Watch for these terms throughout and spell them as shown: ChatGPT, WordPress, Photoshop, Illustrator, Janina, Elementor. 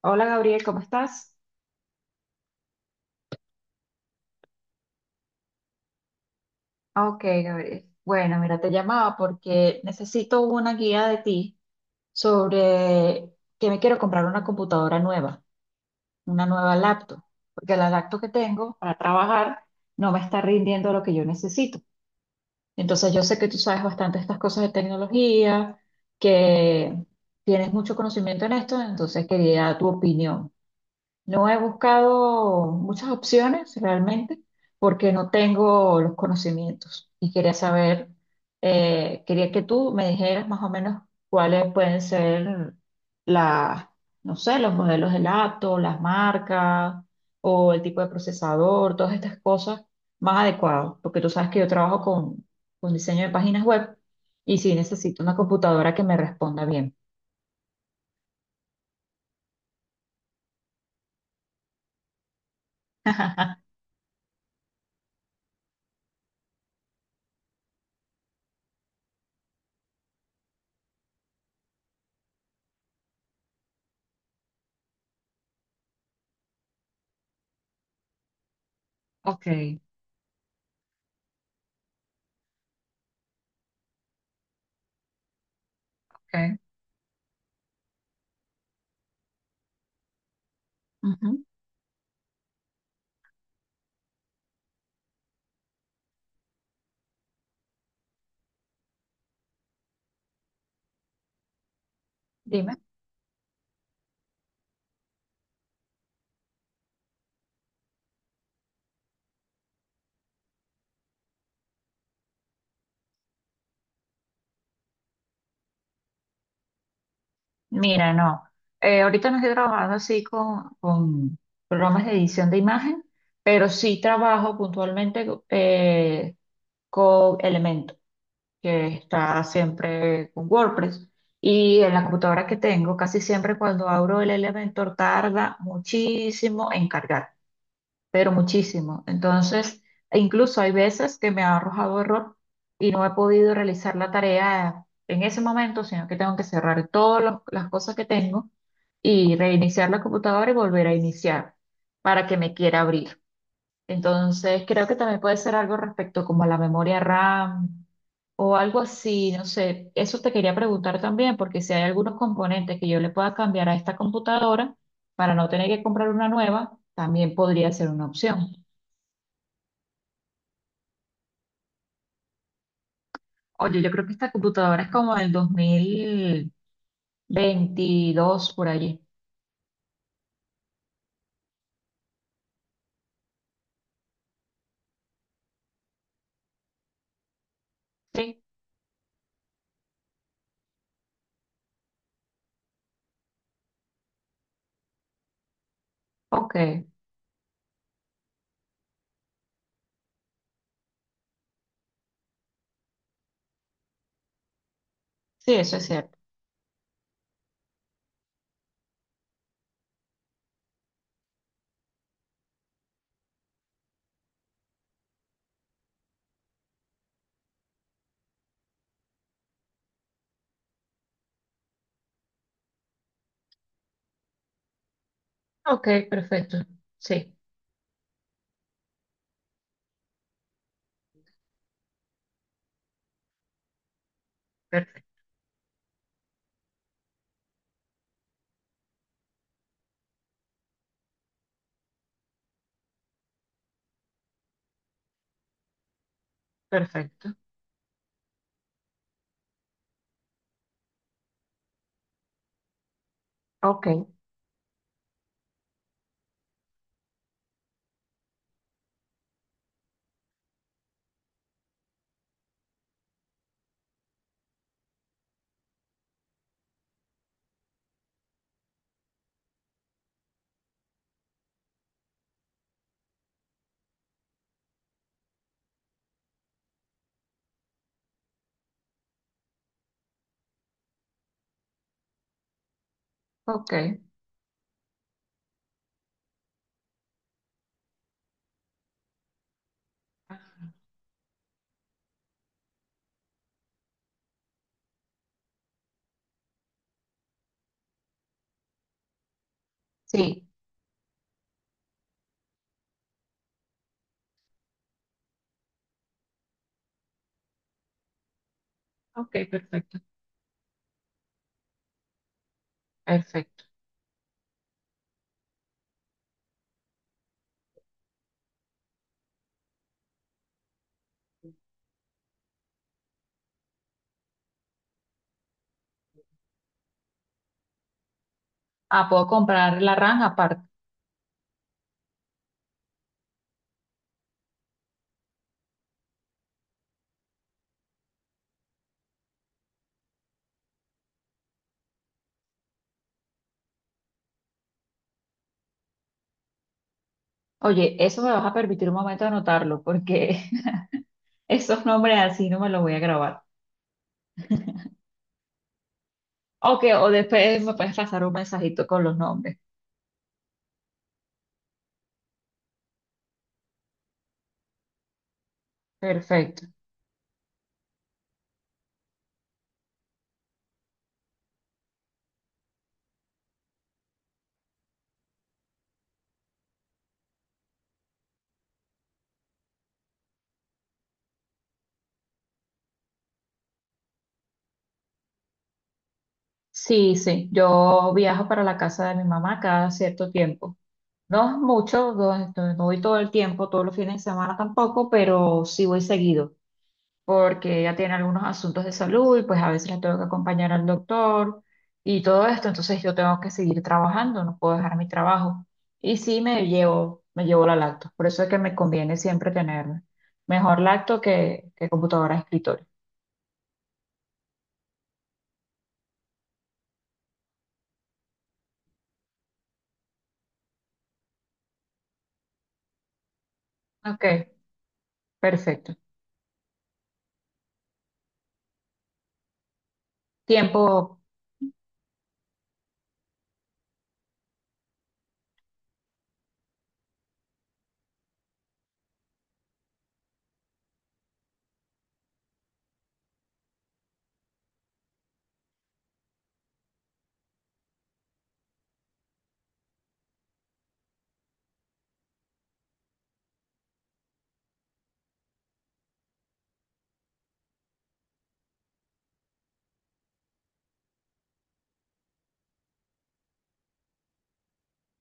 Hola Gabriel, ¿cómo estás? Ok, Gabriel. Bueno, mira, te llamaba porque necesito una guía de ti sobre que me quiero comprar una computadora nueva, una nueva laptop, porque la laptop que tengo para trabajar no me está rindiendo lo que yo necesito. Entonces yo sé que tú sabes bastante estas cosas de tecnología, que tienes mucho conocimiento en esto, entonces quería tu opinión. No he buscado muchas opciones realmente porque no tengo los conocimientos y quería saber, quería que tú me dijeras más o menos cuáles pueden ser las, no sé, los modelos de laptop, las marcas o el tipo de procesador, todas estas cosas más adecuadas, porque tú sabes que yo trabajo con diseño de páginas web y sí necesito una computadora que me responda bien. Ok, ok. Ujú. Dime. Mira, no. Ahorita no estoy trabajando así con programas de edición de imagen, pero sí trabajo puntualmente con Elementor, que está siempre con WordPress. Y en la computadora que tengo, casi siempre cuando abro el Elementor tarda muchísimo en cargar pero muchísimo. Entonces, e incluso hay veces que me ha arrojado error y no he podido realizar la tarea en ese momento, sino que tengo que cerrar las cosas que tengo y reiniciar la computadora y volver a iniciar para que me quiera abrir. Entonces, creo que también puede ser algo respecto como a la memoria RAM o algo así, no sé. Eso te quería preguntar también, porque si hay algunos componentes que yo le pueda cambiar a esta computadora para no tener que comprar una nueva, también podría ser una opción. Oye, yo creo que esta computadora es como del 2022 por allí. Sí, ok. Sí, eso es cierto. Ok, perfecto. Sí, perfecto. Perfecto. Ok, ok. Sí, ok, perfecto. Perfecto. Ah, puedo comprar la RAM aparte. Oye, eso me vas a permitir un momento anotarlo, porque esos nombres así no me los voy a grabar. Ok, o después me puedes pasar un mensajito con los nombres. Perfecto. Sí, sí, yo viajo para la casa de mi mamá cada cierto tiempo. No es mucho, no, no voy todo el tiempo, todos los fines de semana tampoco, pero sí voy seguido. Porque ella tiene algunos asuntos de salud y pues a veces la tengo que acompañar al doctor y todo esto, entonces yo tengo que seguir trabajando, no puedo dejar mi trabajo. Y sí me llevo la lacto, por eso es que me conviene siempre tener mejor lacto que computadora de escritorio. Ok, perfecto. Tiempo.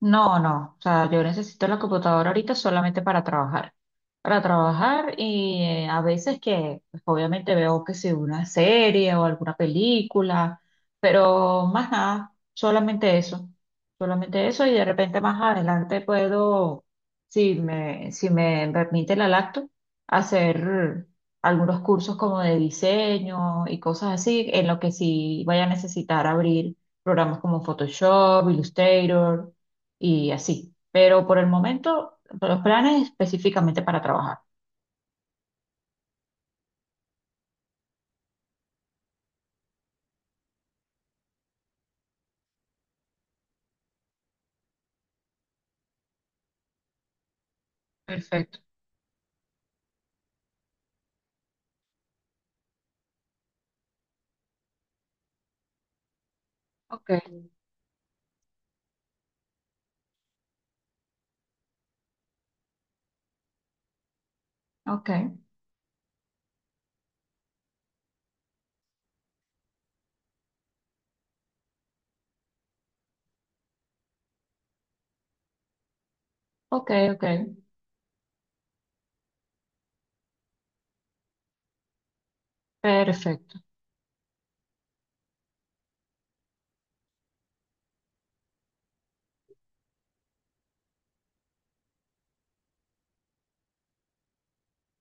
No, no, o sea, yo necesito la computadora ahorita solamente para trabajar. Para trabajar y a veces que pues, obviamente veo que si una serie o alguna película, pero más nada, solamente eso. Solamente eso y de repente más adelante puedo, si me permite la lacto, hacer algunos cursos como de diseño y cosas así, en lo que sí vaya a necesitar abrir programas como Photoshop, Illustrator y así. Pero por el momento, los planes específicamente para trabajar. Perfecto. Ok. Ok, ok, ok. Perfecto.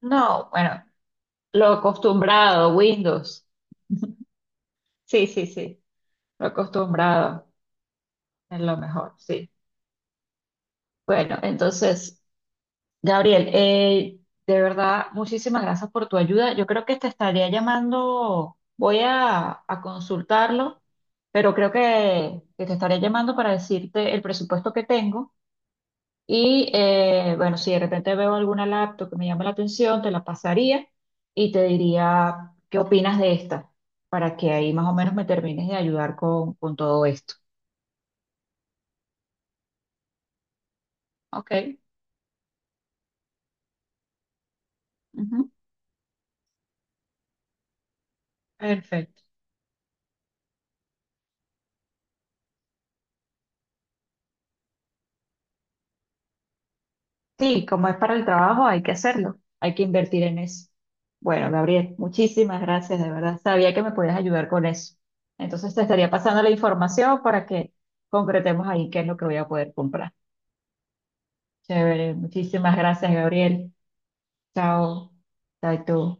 No, bueno, lo acostumbrado, Windows. Sí, sí, sí. Lo acostumbrado es lo mejor, sí. Bueno, entonces. Gabriel, de verdad, muchísimas gracias por tu ayuda. Yo creo que te estaría llamando, a consultarlo, pero creo que te estaría llamando para decirte el presupuesto que tengo. Y bueno, si de repente veo alguna laptop que me llama la atención, te la pasaría y te diría qué opinas de esta, para que ahí más o menos me termines de ayudar con todo esto. Ok. Ujú. Perfecto. Sí, como es para el trabajo, hay que hacerlo, hay que invertir en eso. Bueno, Gabriel, muchísimas gracias, de verdad. Sabía que me podías ayudar con eso. Entonces te estaría pasando la información para que concretemos ahí qué es lo que voy a poder comprar. Chévere, muchísimas gracias, Gabriel. Chao. Chao, y tú.